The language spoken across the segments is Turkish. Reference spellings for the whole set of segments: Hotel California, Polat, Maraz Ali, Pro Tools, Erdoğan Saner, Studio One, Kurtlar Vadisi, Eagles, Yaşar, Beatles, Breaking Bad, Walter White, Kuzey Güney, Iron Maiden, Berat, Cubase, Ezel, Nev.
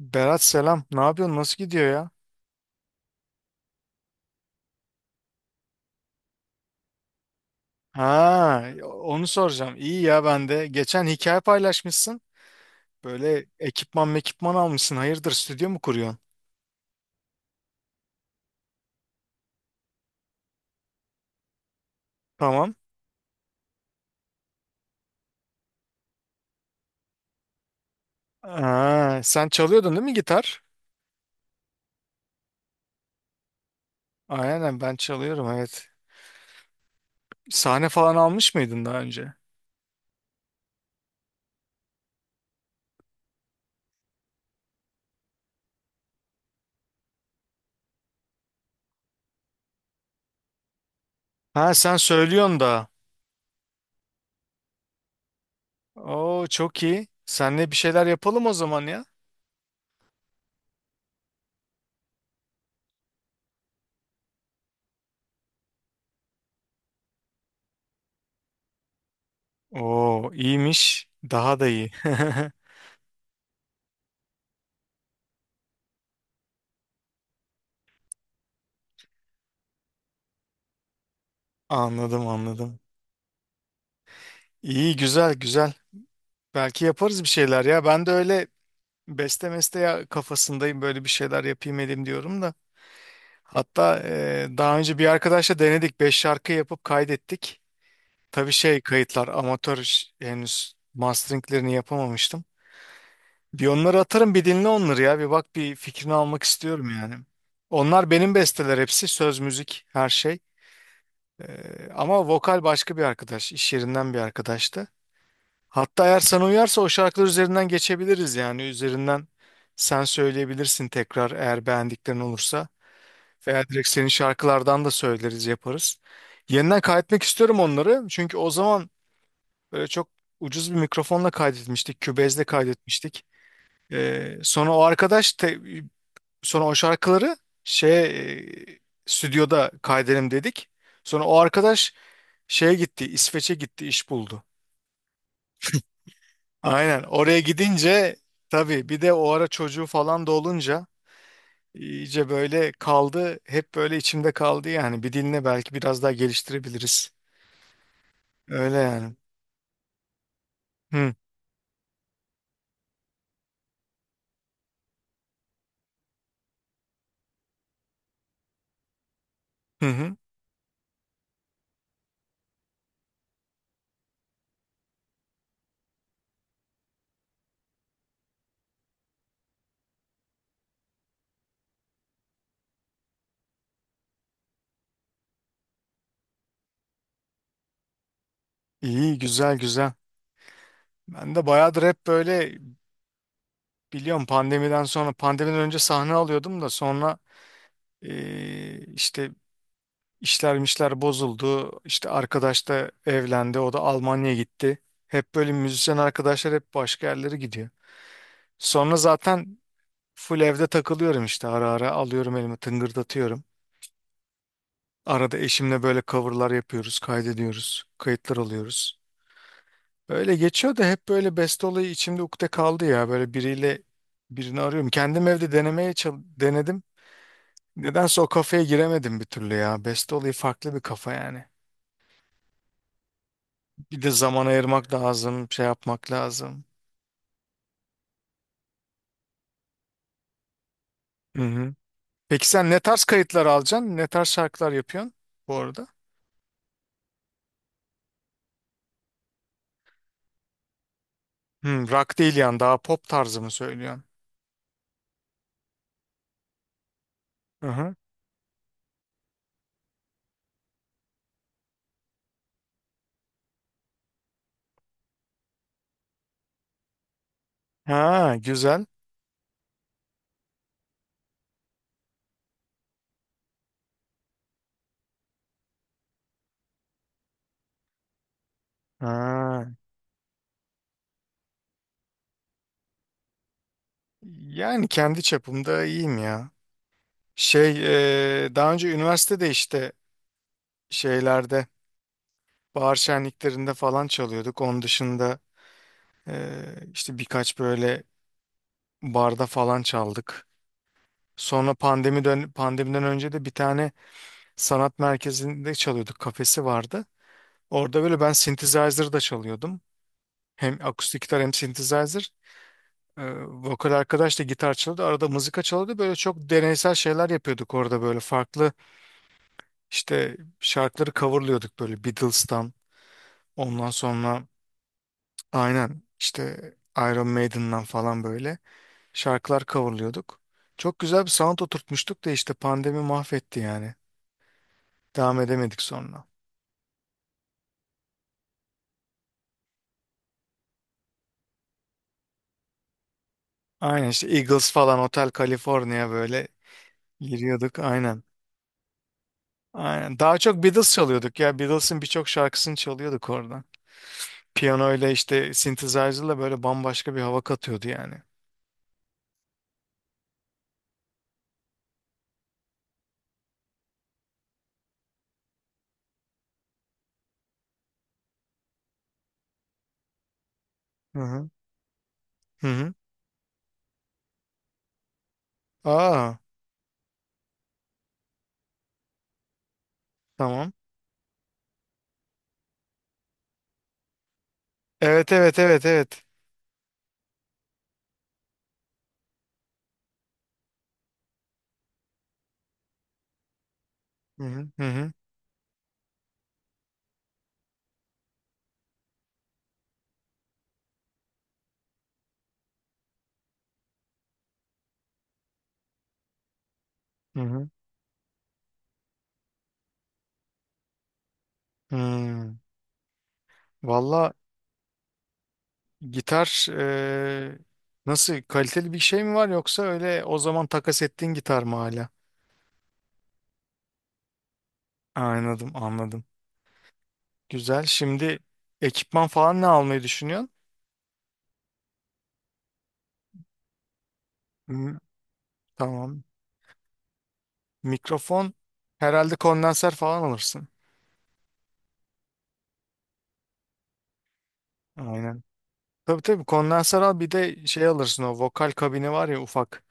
Berat selam. Ne yapıyorsun? Nasıl gidiyor ya? Ha, onu soracağım. İyi ya ben de. Geçen hikaye paylaşmışsın. Böyle ekipman mekipman almışsın. Hayırdır stüdyo mu kuruyorsun? Tamam. Ha, sen çalıyordun değil mi gitar? Aynen ben çalıyorum evet. Sahne falan almış mıydın daha önce? Ha, sen söylüyorsun da. Oo çok iyi. Seninle bir şeyler yapalım o zaman ya. Oo iyiymiş. Daha da iyi. Anladım, anladım. İyi, güzel güzel. Belki yaparız bir şeyler ya. Ben de öyle beste meste ya kafasındayım, böyle bir şeyler yapayım edeyim diyorum da. Hatta daha önce bir arkadaşla denedik. Beş şarkı yapıp kaydettik. Tabii şey, kayıtlar amatör henüz masteringlerini yapamamıştım. Bir onları atarım, bir dinle onları ya. Bir bak, bir fikrini almak istiyorum yani. Onlar benim besteler hepsi. Söz, müzik, her şey. Ama vokal başka bir arkadaş, iş yerinden bir arkadaştı. Hatta eğer sana uyarsa o şarkılar üzerinden geçebiliriz, yani üzerinden sen söyleyebilirsin tekrar, eğer beğendiklerin olursa, veya direkt senin şarkılardan da söyleriz yaparız. Yeniden kaydetmek istiyorum onları, çünkü o zaman böyle çok ucuz bir mikrofonla kaydetmiştik, kübezle kaydetmiştik. Sonra o arkadaş sonra o şarkıları şey e, stüdyoda kaydedelim dedik. Sonra o arkadaş şeye gitti, İsveç'e gitti, iş buldu. Aynen. Oraya gidince tabii bir de o ara çocuğu falan da olunca iyice böyle kaldı. Hep böyle içimde kaldı yani. Bir diline belki biraz daha geliştirebiliriz. Öyle yani. Hı hı. Hı. İyi, güzel güzel. Ben de bayağıdır hep böyle, biliyorum, pandemiden önce sahne alıyordum da sonra işte işler mişler bozuldu. İşte arkadaş da evlendi. O da Almanya'ya gitti. Hep böyle müzisyen arkadaşlar hep başka yerlere gidiyor. Sonra zaten full evde takılıyorum, işte ara ara alıyorum elime tıngırdatıyorum. Arada eşimle böyle coverlar yapıyoruz, kaydediyoruz, kayıtlar alıyoruz. Öyle geçiyor da hep böyle beste olayı içimde ukde kaldı ya. Böyle biriyle, birini arıyorum. Kendim evde denemeye denedim. Nedense o kafaya giremedim bir türlü ya. Beste olayı farklı bir kafa yani. Bir de zaman ayırmak lazım, şey yapmak lazım. Hı hı. Peki sen ne tarz kayıtlar alacaksın? Ne tarz şarkılar yapıyorsun bu arada? Hı, rock değil yani, daha pop tarzı mı söylüyorsun? Hı hı. Ha, güzel. Ha. Yani kendi çapımda iyiyim ya. Şey, daha önce üniversitede işte şeylerde, bahar şenliklerinde falan çalıyorduk. Onun dışında işte birkaç böyle barda falan çaldık. Sonra pandemiden önce de bir tane sanat merkezinde çalıyorduk. Kafesi vardı. Orada böyle ben synthesizer da çalıyordum. Hem akustik gitar hem synthesizer. Vokal arkadaş da gitar çalıyordu. Arada mızıka çalıyordu. Böyle çok deneysel şeyler yapıyorduk orada, böyle farklı işte şarkıları coverlıyorduk, böyle Beatles'tan. Ondan sonra aynen işte Iron Maiden'dan falan böyle şarkılar coverlıyorduk. Çok güzel bir sound oturtmuştuk da işte pandemi mahvetti yani. Devam edemedik sonra. Aynen işte Eagles falan, Hotel California, böyle giriyorduk aynen. Aynen. Daha çok Beatles çalıyorduk ya. Beatles'ın birçok şarkısını çalıyorduk orada. Piyanoyla işte synthesizer'la böyle bambaşka bir hava katıyordu yani. Hı hı. Hı hı. Aa, tamam. Evet, evet, evet, evet. Hı hı hı hı. Hı hı. Hmm. Valla gitar nasıl, kaliteli bir şey mi var, yoksa öyle o zaman takas ettiğin gitar mı hala? Anladım, anladım. Güzel. Şimdi ekipman falan ne almayı düşünüyorsun? Hmm, tamam. Mikrofon herhalde kondenser falan alırsın. Aynen. Tabii tabii, kondenser al, bir de şey alırsın, o vokal kabini var ya, ufak,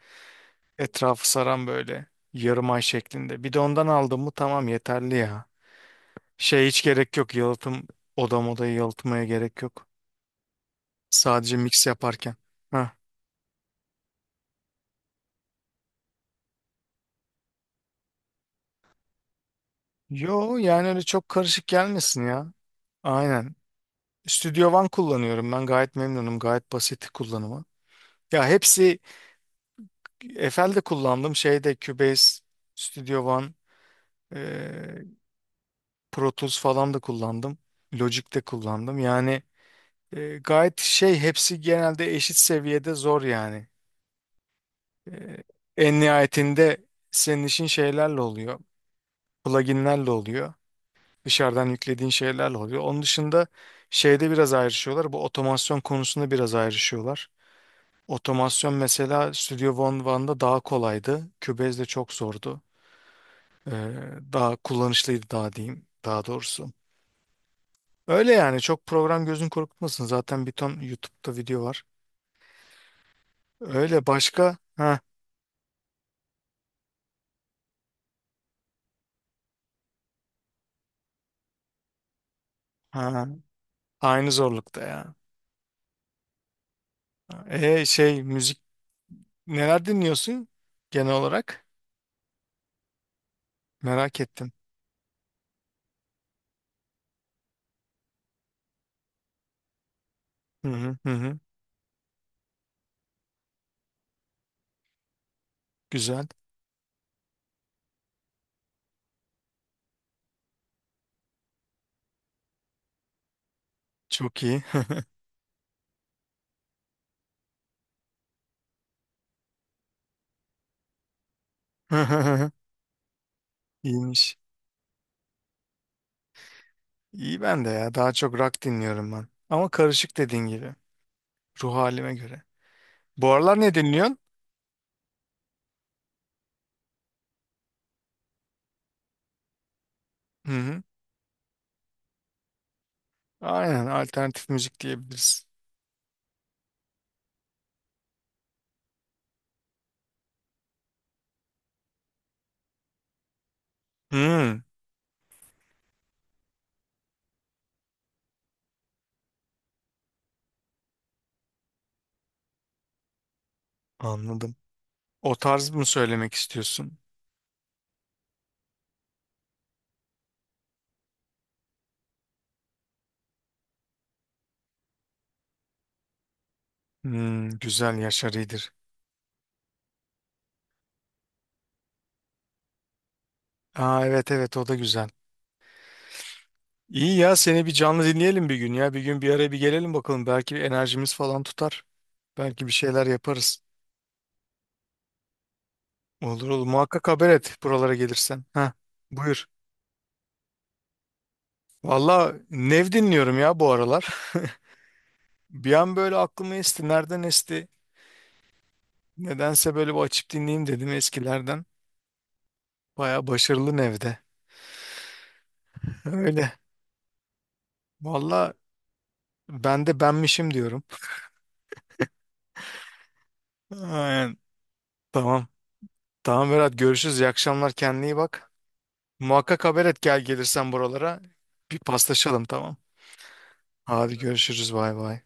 etrafı saran, böyle yarım ay şeklinde. Bir de ondan aldın mı tamam, yeterli ya. Şey, hiç gerek yok yalıtım, odayı yalıtmaya gerek yok. Sadece mix yaparken. Heh. Yo yani öyle çok karışık gelmesin ya. Aynen. Studio One kullanıyorum, ben gayet memnunum, gayet basit kullanımı. Ya hepsi, FL'de kullandım, şeyde Cubase, Studio One, e, Pro Tools falan da kullandım. Logic'te kullandım, yani gayet şey, hepsi genelde eşit seviyede zor yani. E, en nihayetinde senin işin şeylerle oluyor, pluginlerle oluyor, dışarıdan yüklediğin şeylerle oluyor. Onun dışında şeyde biraz ayrışıyorlar, bu otomasyon konusunda biraz ayrışıyorlar. Otomasyon mesela Studio One'da daha kolaydı. Cubase'de çok zordu. Ee, daha kullanışlıydı, daha diyeyim, daha doğrusu. Öyle yani, çok program gözün korkutmasın. Zaten bir ton YouTube'da video var. Öyle başka, ha. Ha, aynı zorlukta ya. Şey müzik, neler dinliyorsun genel olarak? Merak ettim. Hı hı hı. Hı. Güzel. Çok iyi. İyiymiş. İyi ben de ya. Daha çok rock dinliyorum ben. Ama karışık, dediğin gibi. Ruh halime göre. Bu aralar ne dinliyorsun? Hı hı. Aynen, alternatif müzik diyebiliriz. Hı, anladım. O tarz mı söylemek istiyorsun? Hı, güzel, Yaşar iyidir. Aa, evet evet, o da güzel. İyi ya, seni bir canlı dinleyelim bir gün ya. Bir gün bir araya bir gelelim bakalım. Belki enerjimiz falan tutar. Belki bir şeyler yaparız. Olur olur, muhakkak haber et buralara gelirsen. Heh, buyur. Valla Nev dinliyorum ya bu aralar. Bir an böyle aklıma esti. Nereden esti? Nedense böyle bir açıp dinleyeyim dedim eskilerden. Baya başarılı nevde. Öyle. Valla ben de benmişim diyorum. Aynen. Tamam. Tamam Berat, görüşürüz. İyi akşamlar. Kendine iyi bak. Muhakkak haber et, gelirsen buralara. Bir paslaşalım, tamam. Hadi görüşürüz. Bay bay.